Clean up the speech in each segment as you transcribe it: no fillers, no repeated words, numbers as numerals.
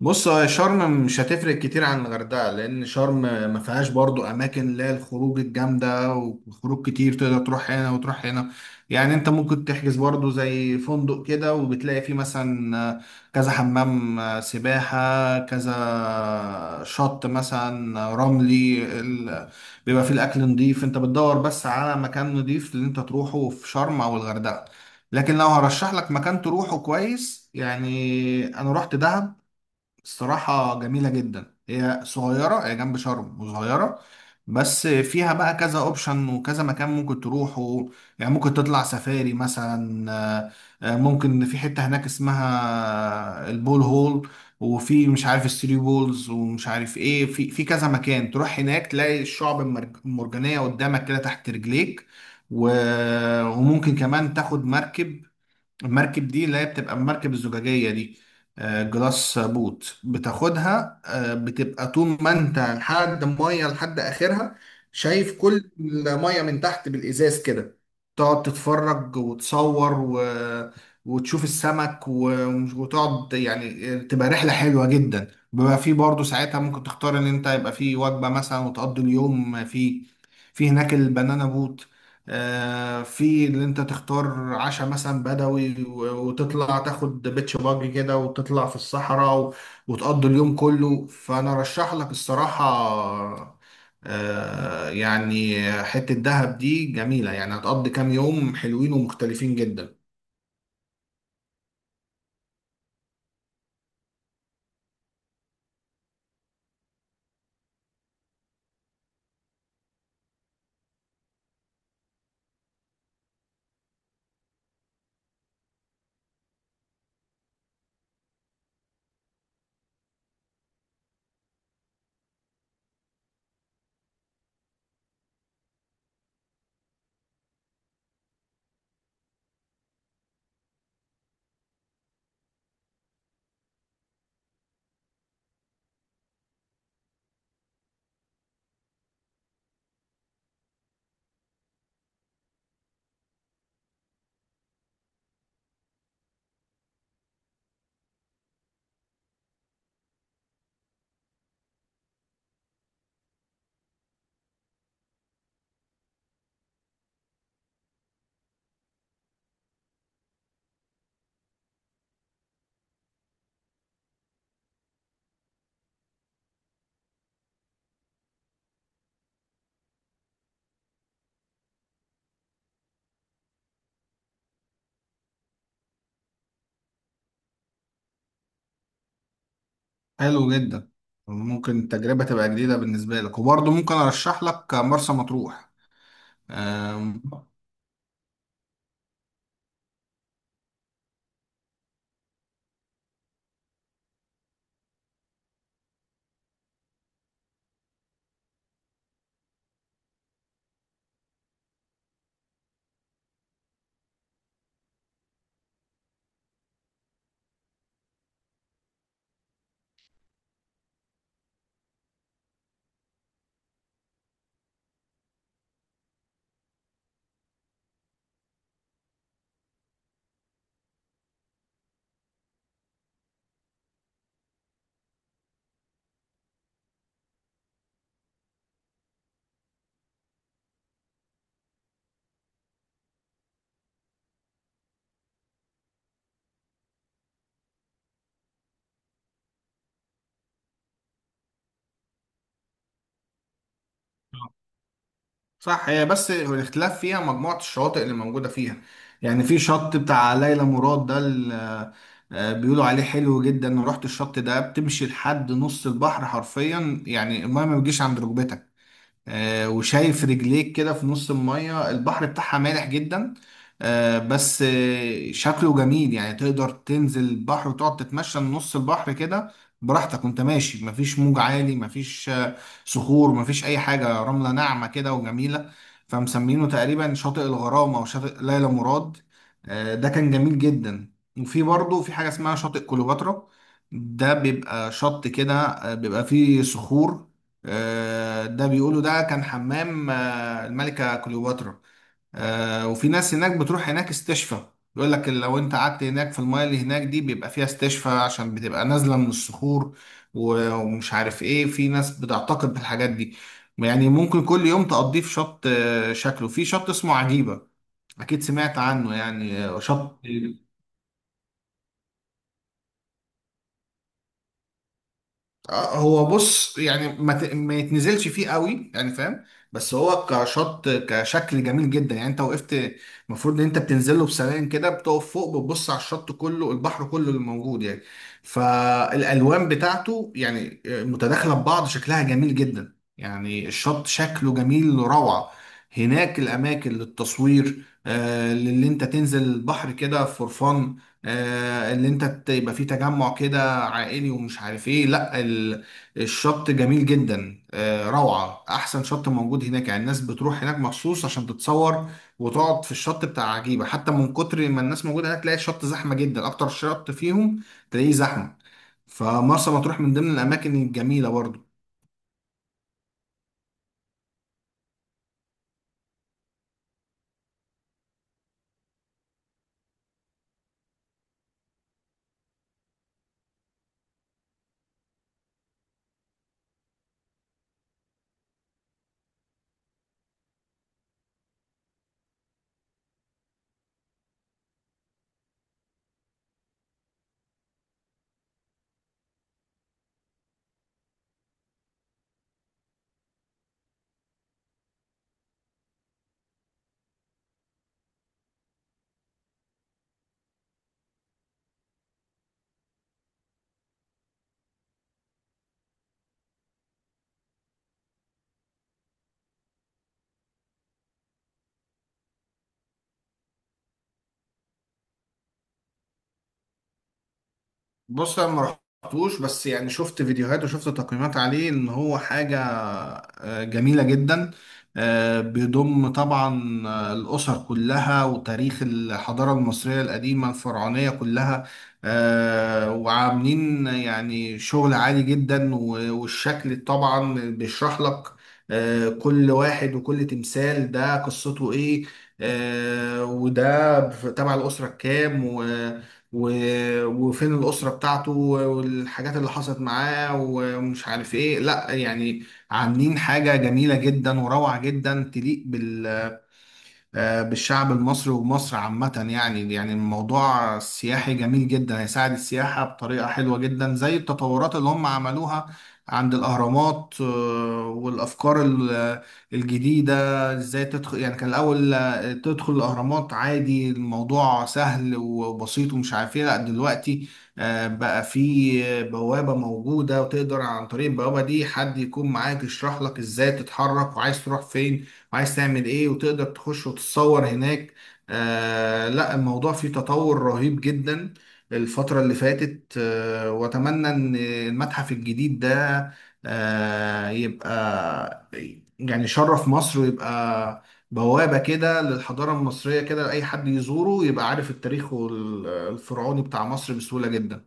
بص، هو شرم مش هتفرق كتير عن الغردقة، لأن شرم ما فيهاش برضو أماكن اللي هي الخروج الجامدة وخروج كتير تقدر تروح هنا وتروح هنا. يعني أنت ممكن تحجز برضو زي فندق كده، وبتلاقي فيه مثلا كذا حمام، سباحة، كذا شط مثلا، رملي بيبقى فيه الأكل نضيف. أنت بتدور بس على مكان نضيف اللي أنت تروحه في شرم أو الغردقة. لكن لو هرشح لك مكان تروحه كويس، يعني أنا رحت دهب، الصراحة جميلة جدا. هي صغيرة، هي جنب شرم وصغيرة، بس فيها بقى كذا اوبشن وكذا مكان ممكن تروحه. يعني ممكن تطلع سفاري مثلا، ممكن في حتة هناك اسمها البول هول، وفي مش عارف الثري بولز ومش عارف ايه. في كذا مكان تروح هناك تلاقي الشعب المرجانية قدامك كده تحت رجليك. و- وممكن كمان تاخد مركب، المركب دي اللي هي بتبقى المركب الزجاجية دي، جلاس بوت، بتاخدها، بتبقى طول ما انت لحد مية لحد اخرها شايف كل المية من تحت بالازاز كده. تقعد تتفرج وتصور وتشوف السمك وتقعد، يعني تبقى رحلة حلوة جدا. بيبقى فيه برضه ساعتها ممكن تختار ان انت يبقى فيه وجبة مثلا وتقضي اليوم فيه. في هناك البنانا بوت، في اللي انت تختار عشاء مثلا بدوي، وتطلع تاخد بيتش باجي كده وتطلع في الصحراء وتقضي اليوم كله. فانا رشح لك الصراحة، يعني حتة دهب دي جميلة، يعني هتقضي كام يوم حلوين ومختلفين جدا. حلو جدا، ممكن التجربة تبقى جديدة بالنسبة لك، وبرضه ممكن ارشح لك مرسى مطروح. آه، صح، هي بس الاختلاف فيها مجموعة الشواطئ اللي موجودة فيها. يعني في شط بتاع ليلى مراد ده، بيقولوا عليه حلو جدا. رحت الشط ده، بتمشي لحد نص البحر حرفيا، يعني المايه ما بتجيش عند ركبتك. آه، وشايف رجليك كده في نص المية. البحر بتاعها مالح جدا، آه، بس آه، شكله جميل. يعني تقدر تنزل البحر وتقعد تتمشى نص البحر كده براحتك، وانت ماشي مفيش موج عالي، مفيش صخور، مفيش اي حاجة، رملة ناعمة كده وجميلة. فمسمينه تقريبا شاطئ الغرام او شاطئ ليلى مراد. آه، ده كان جميل جدا. وفي برضه في حاجة اسمها شاطئ كليوباترا. ده بيبقى شط كده، آه، بيبقى فيه صخور. آه، ده بيقولوا ده كان حمام، آه، الملكة كليوباترا. آه، وفي ناس هناك بتروح هناك استشفى. يقول لك لو انت قعدت هناك في المايه اللي هناك دي بيبقى فيها استشفى، عشان بتبقى نازلة من الصخور ومش عارف ايه. في ناس بتعتقد بالحاجات دي. يعني ممكن كل يوم تقضيه في شط. آه، شكله في شط اسمه عجيبة، اكيد سمعت عنه. يعني آه، شط. اه، هو بص، يعني ما يتنزلش فيه قوي، يعني فاهم. بس هو كشط، كشكل جميل جدا. يعني انت وقفت، المفروض ان انت بتنزل له بسلام كده، بتقف فوق بتبص على الشط كله، البحر كله اللي موجود يعني. فالالوان بتاعته يعني آه، متداخله ببعض، شكلها جميل جدا. يعني الشط شكله جميل روعه. هناك الاماكن للتصوير، آه، اللي انت تنزل البحر كده فور فن. آه، اللي انت يبقى فيه تجمع كده عائلي ومش عارف ايه. لا الشط جميل جدا، آه، روعة، احسن شط موجود هناك. يعني الناس بتروح هناك مخصوص عشان تتصور وتقعد في الشط بتاع عجيبة. حتى من كتر ما الناس موجودة هناك، تلاقي الشط زحمة جدا، اكتر شط فيهم تلاقيه زحمة. فمرسى مطروح من ضمن الاماكن الجميلة برضه. بص، انا ما رحتوش، بس يعني شفت فيديوهات وشفت تقييمات عليه ان هو حاجه آه، جميله جدا. آه، بيضم طبعا آه، الاسر كلها وتاريخ الحضاره المصريه القديمه الفرعونيه كلها. آه، وعاملين يعني شغل عالي جدا. و- والشكل طبعا بيشرح لك، آه، كل واحد وكل تمثال ده قصته ايه، آه، وده تبع الاسره كام، وفين الأسرة بتاعته والحاجات اللي حصلت معاه ومش عارف ايه. لا يعني، عاملين حاجة جميلة جدا وروعة جدا تليق بال آه، بالشعب المصري ومصر عامة. يعني يعني الموضوع السياحي جميل جدا، هيساعد السياحة بطريقة حلوة جدا، زي التطورات اللي هم عملوها عند الأهرامات. آه، والأفكار الجديدة، ازاي تدخل. يعني كان الأول، آه، تدخل الأهرامات عادي، الموضوع سهل وبسيط ومش عارف ايه. لا دلوقتي آه، بقى في بوابة موجودة، وتقدر عن طريق البوابة دي حد يكون معاك يشرح لك ازاي تتحرك وعايز تروح فين وعايز تعمل ايه، وتقدر تخش وتتصور هناك. آه، لا الموضوع فيه تطور رهيب جدا الفترة اللي فاتت. آه، واتمنى ان المتحف الجديد ده آه، يبقى يعني شرف مصر، ويبقى بوابة كده للحضارة المصرية كده، لأي حد يزوره يبقى عارف التاريخ وال- الفرعوني بتاع مصر بسهولة جدا.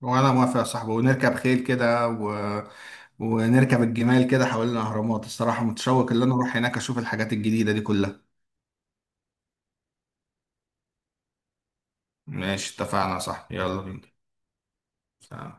وانا موافق يا صاحبي، ونركب خيل كده ونركب الجمال كده حوالين الاهرامات. الصراحه متشوق ان انا اروح هناك اشوف الحاجات الجديده دي كلها. ماشي، اتفقنا يا صاحبي، يلا بينا.